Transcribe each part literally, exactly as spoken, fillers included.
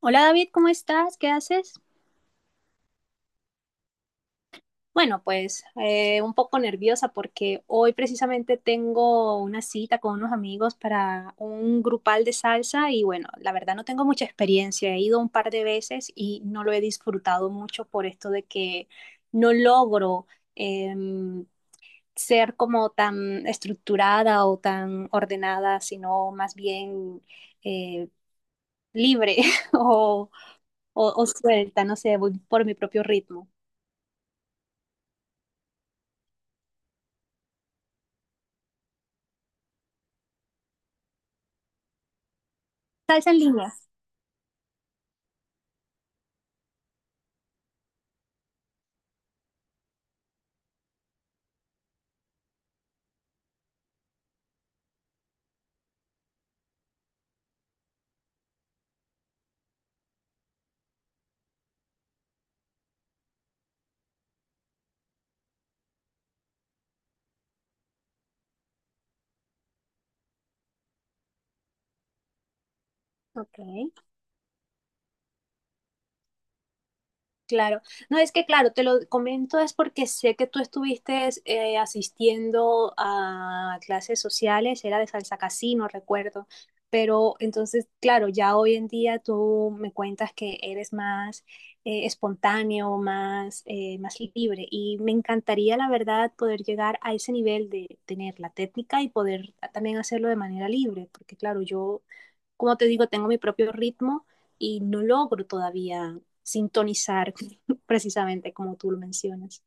Hola David, ¿cómo estás? ¿Qué haces? Bueno, pues eh, un poco nerviosa porque hoy precisamente tengo una cita con unos amigos para un grupal de salsa y bueno, la verdad no tengo mucha experiencia, he ido un par de veces y no lo he disfrutado mucho por esto de que no logro em, ser como tan estructurada o tan ordenada, sino más bien eh, libre o, o o suelta, no sé, voy por mi propio ritmo. Salsa en línea. Ok, claro. No, es que claro, te lo comento es porque sé que tú estuviste eh, asistiendo a clases sociales, era de salsa casino, recuerdo. Pero entonces, claro, ya hoy en día tú me cuentas que eres más eh, espontáneo, más, eh, más libre. Y me encantaría, la verdad, poder llegar a ese nivel de tener la técnica y poder también hacerlo de manera libre. Porque, claro, yo como te digo, tengo mi propio ritmo y no logro todavía sintonizar precisamente como tú lo mencionas.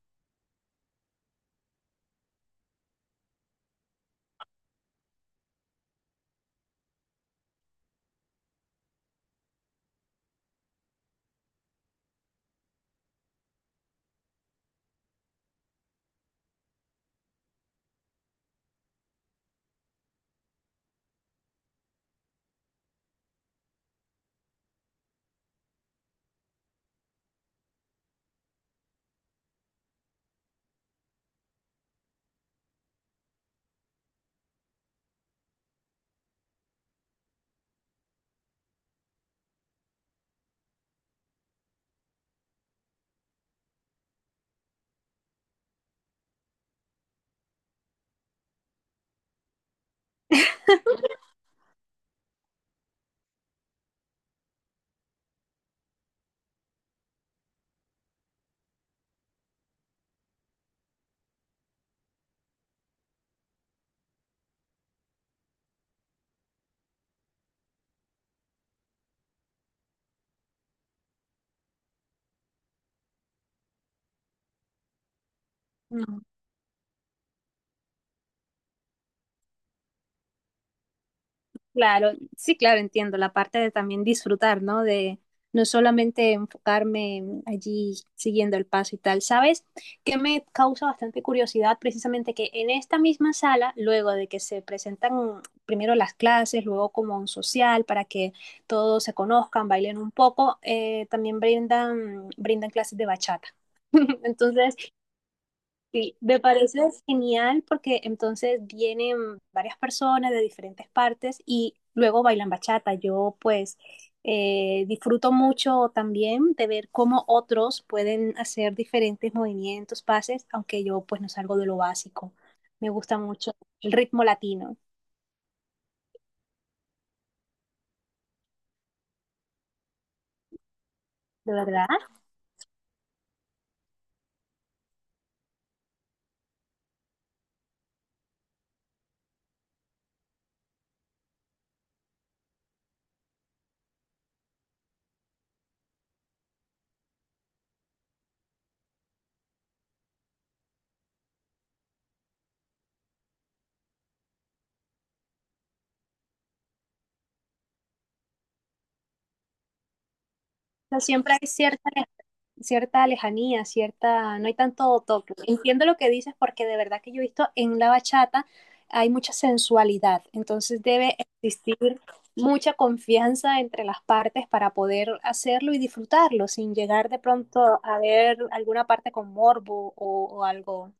No. Claro, sí, claro, entiendo la parte de también disfrutar, ¿no? De no solamente enfocarme allí siguiendo el paso y tal. ¿Sabes? Que me causa bastante curiosidad precisamente que en esta misma sala, luego de que se presentan primero las clases, luego como un social para que todos se conozcan, bailen un poco, eh, también brindan, brindan clases de bachata. Entonces, sí, me parece genial porque entonces vienen varias personas de diferentes partes y luego bailan bachata. Yo pues eh, disfruto mucho también de ver cómo otros pueden hacer diferentes movimientos, pases, aunque yo pues no salgo de lo básico. Me gusta mucho el ritmo latino, de verdad. Sea, siempre hay cierta, leja- cierta lejanía, cierta, no hay tanto toque. Entiendo lo que dices porque de verdad que yo he visto en la bachata hay mucha sensualidad, entonces debe existir mucha confianza entre las partes para poder hacerlo y disfrutarlo sin llegar de pronto a ver alguna parte con morbo o, o algo.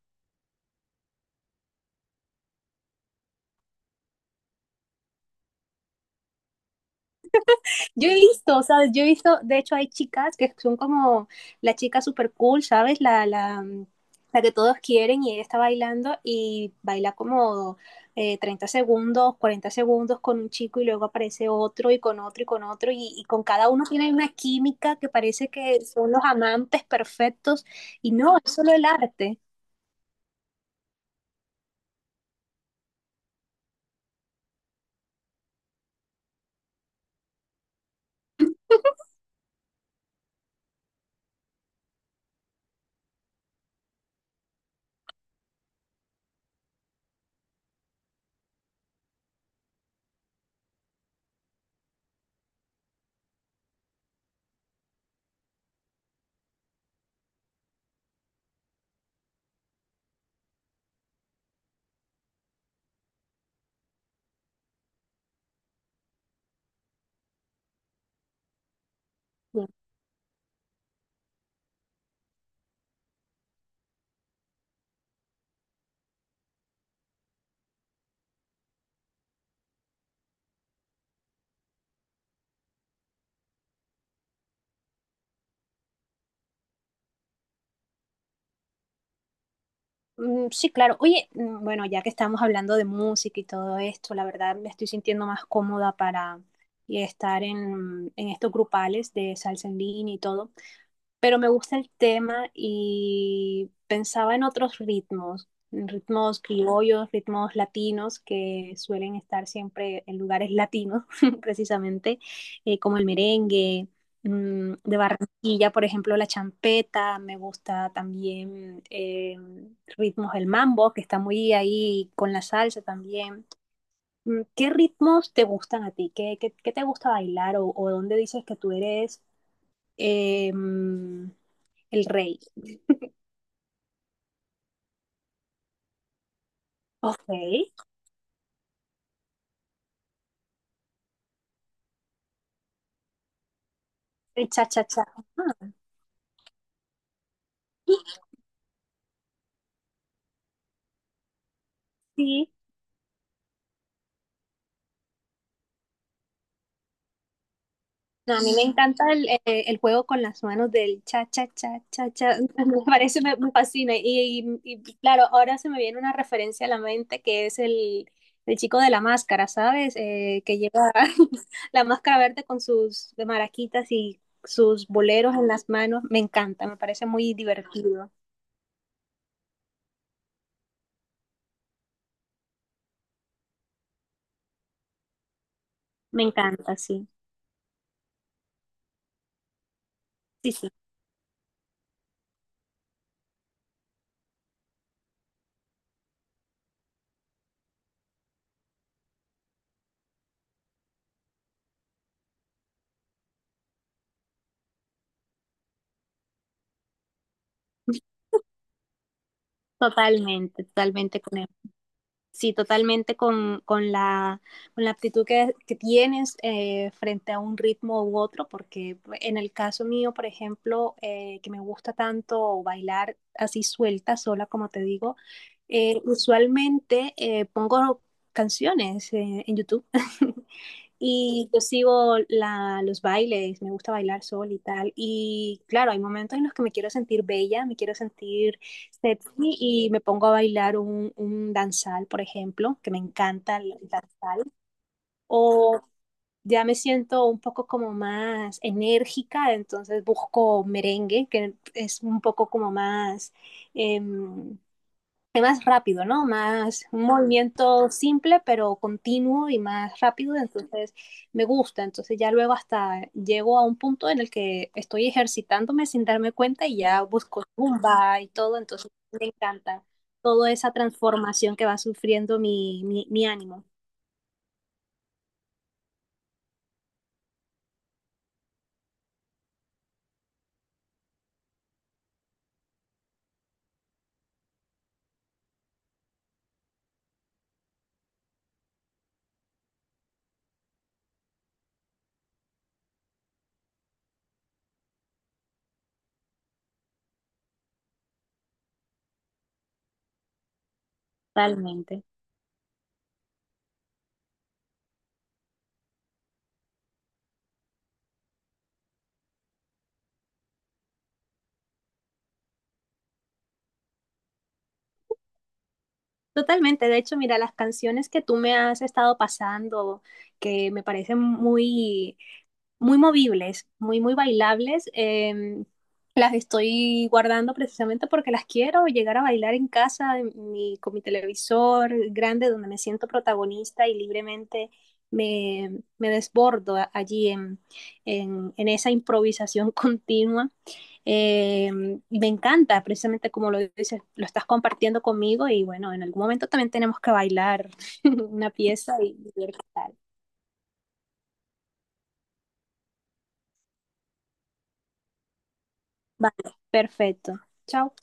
Yo he visto, ¿sabes? Yo he visto, de hecho hay chicas que son como la chica super cool, ¿sabes? La, la, mm, la que todos quieren y ella está bailando y baila como eh, treinta segundos, cuarenta segundos con un chico y luego aparece otro y con otro y con otro y, y con cada uno tiene una química que parece que son los amantes perfectos y no, es solo el arte. Mm, sí, claro. Oye, mm, bueno, ya que estamos hablando de música y todo esto, la verdad me estoy sintiendo más cómoda para y estar en, en estos grupales de salsa en línea y todo, pero me gusta el tema y pensaba en otros ritmos, en ritmos criollos, ritmos latinos que suelen estar siempre en lugares latinos, precisamente, eh, como el merengue, mm, de Barranquilla, por ejemplo, la champeta, me gusta también eh, ritmos del mambo, que está muy ahí con la salsa también. Mm, ¿qué ritmos te gustan a ti? ¿Qué, qué- qué te gusta bailar o, o dónde dices que tú eres eh, el rey. Ok, el cha-cha-cha. Ah, sí, no, a mí me encanta el, eh, el juego con las manos del cha-cha-cha-cha-cha. Me parece, me, me fascina. Y, y- y, claro, ahora se me viene una referencia a la mente que es el, el chico de la máscara, ¿sabes? Eh, que lleva la máscara verde con sus maraquitas y sus boleros en las manos. Me encanta, me parece muy divertido. Me encanta, sí. Sí, sí, totalmente, totalmente con sí, totalmente con, con, la, con la aptitud que, que tienes eh, frente a un ritmo u otro, porque en el caso mío, por ejemplo, eh, que me gusta tanto bailar así suelta, sola, como te digo, eh, usualmente eh, pongo canciones eh, en YouTube. Y yo sigo la, los bailes, me gusta bailar sol y tal. Y claro, hay momentos en los que me quiero sentir bella, me quiero sentir sexy y me pongo a bailar un, un danzal, por ejemplo, que me encanta el danzal. O ya me siento un poco como más enérgica, entonces busco merengue, que es un poco como más... em, es más rápido, ¿no? Más un movimiento simple, pero continuo y más rápido, entonces me gusta, entonces ya luego hasta llego a un punto en el que estoy ejercitándome sin darme cuenta y ya busco zumba y todo, entonces me encanta toda esa transformación que va sufriendo mi, mi, mi ánimo, totalmente. Totalmente, de hecho, mira, las canciones que tú me has estado pasando, que me parecen muy muy movibles, muy, muy bailables. Em, las estoy guardando precisamente porque las quiero llegar a bailar en casa, en mi- con mi televisor grande, donde me siento protagonista y libremente me, me desbordo a- allí en, en- en esa improvisación continua. Eh, y me encanta, precisamente como lo dices, lo estás compartiendo conmigo y bueno, en algún momento también tenemos que bailar una pieza y, y ver qué tal. Vale, perfecto. Chao.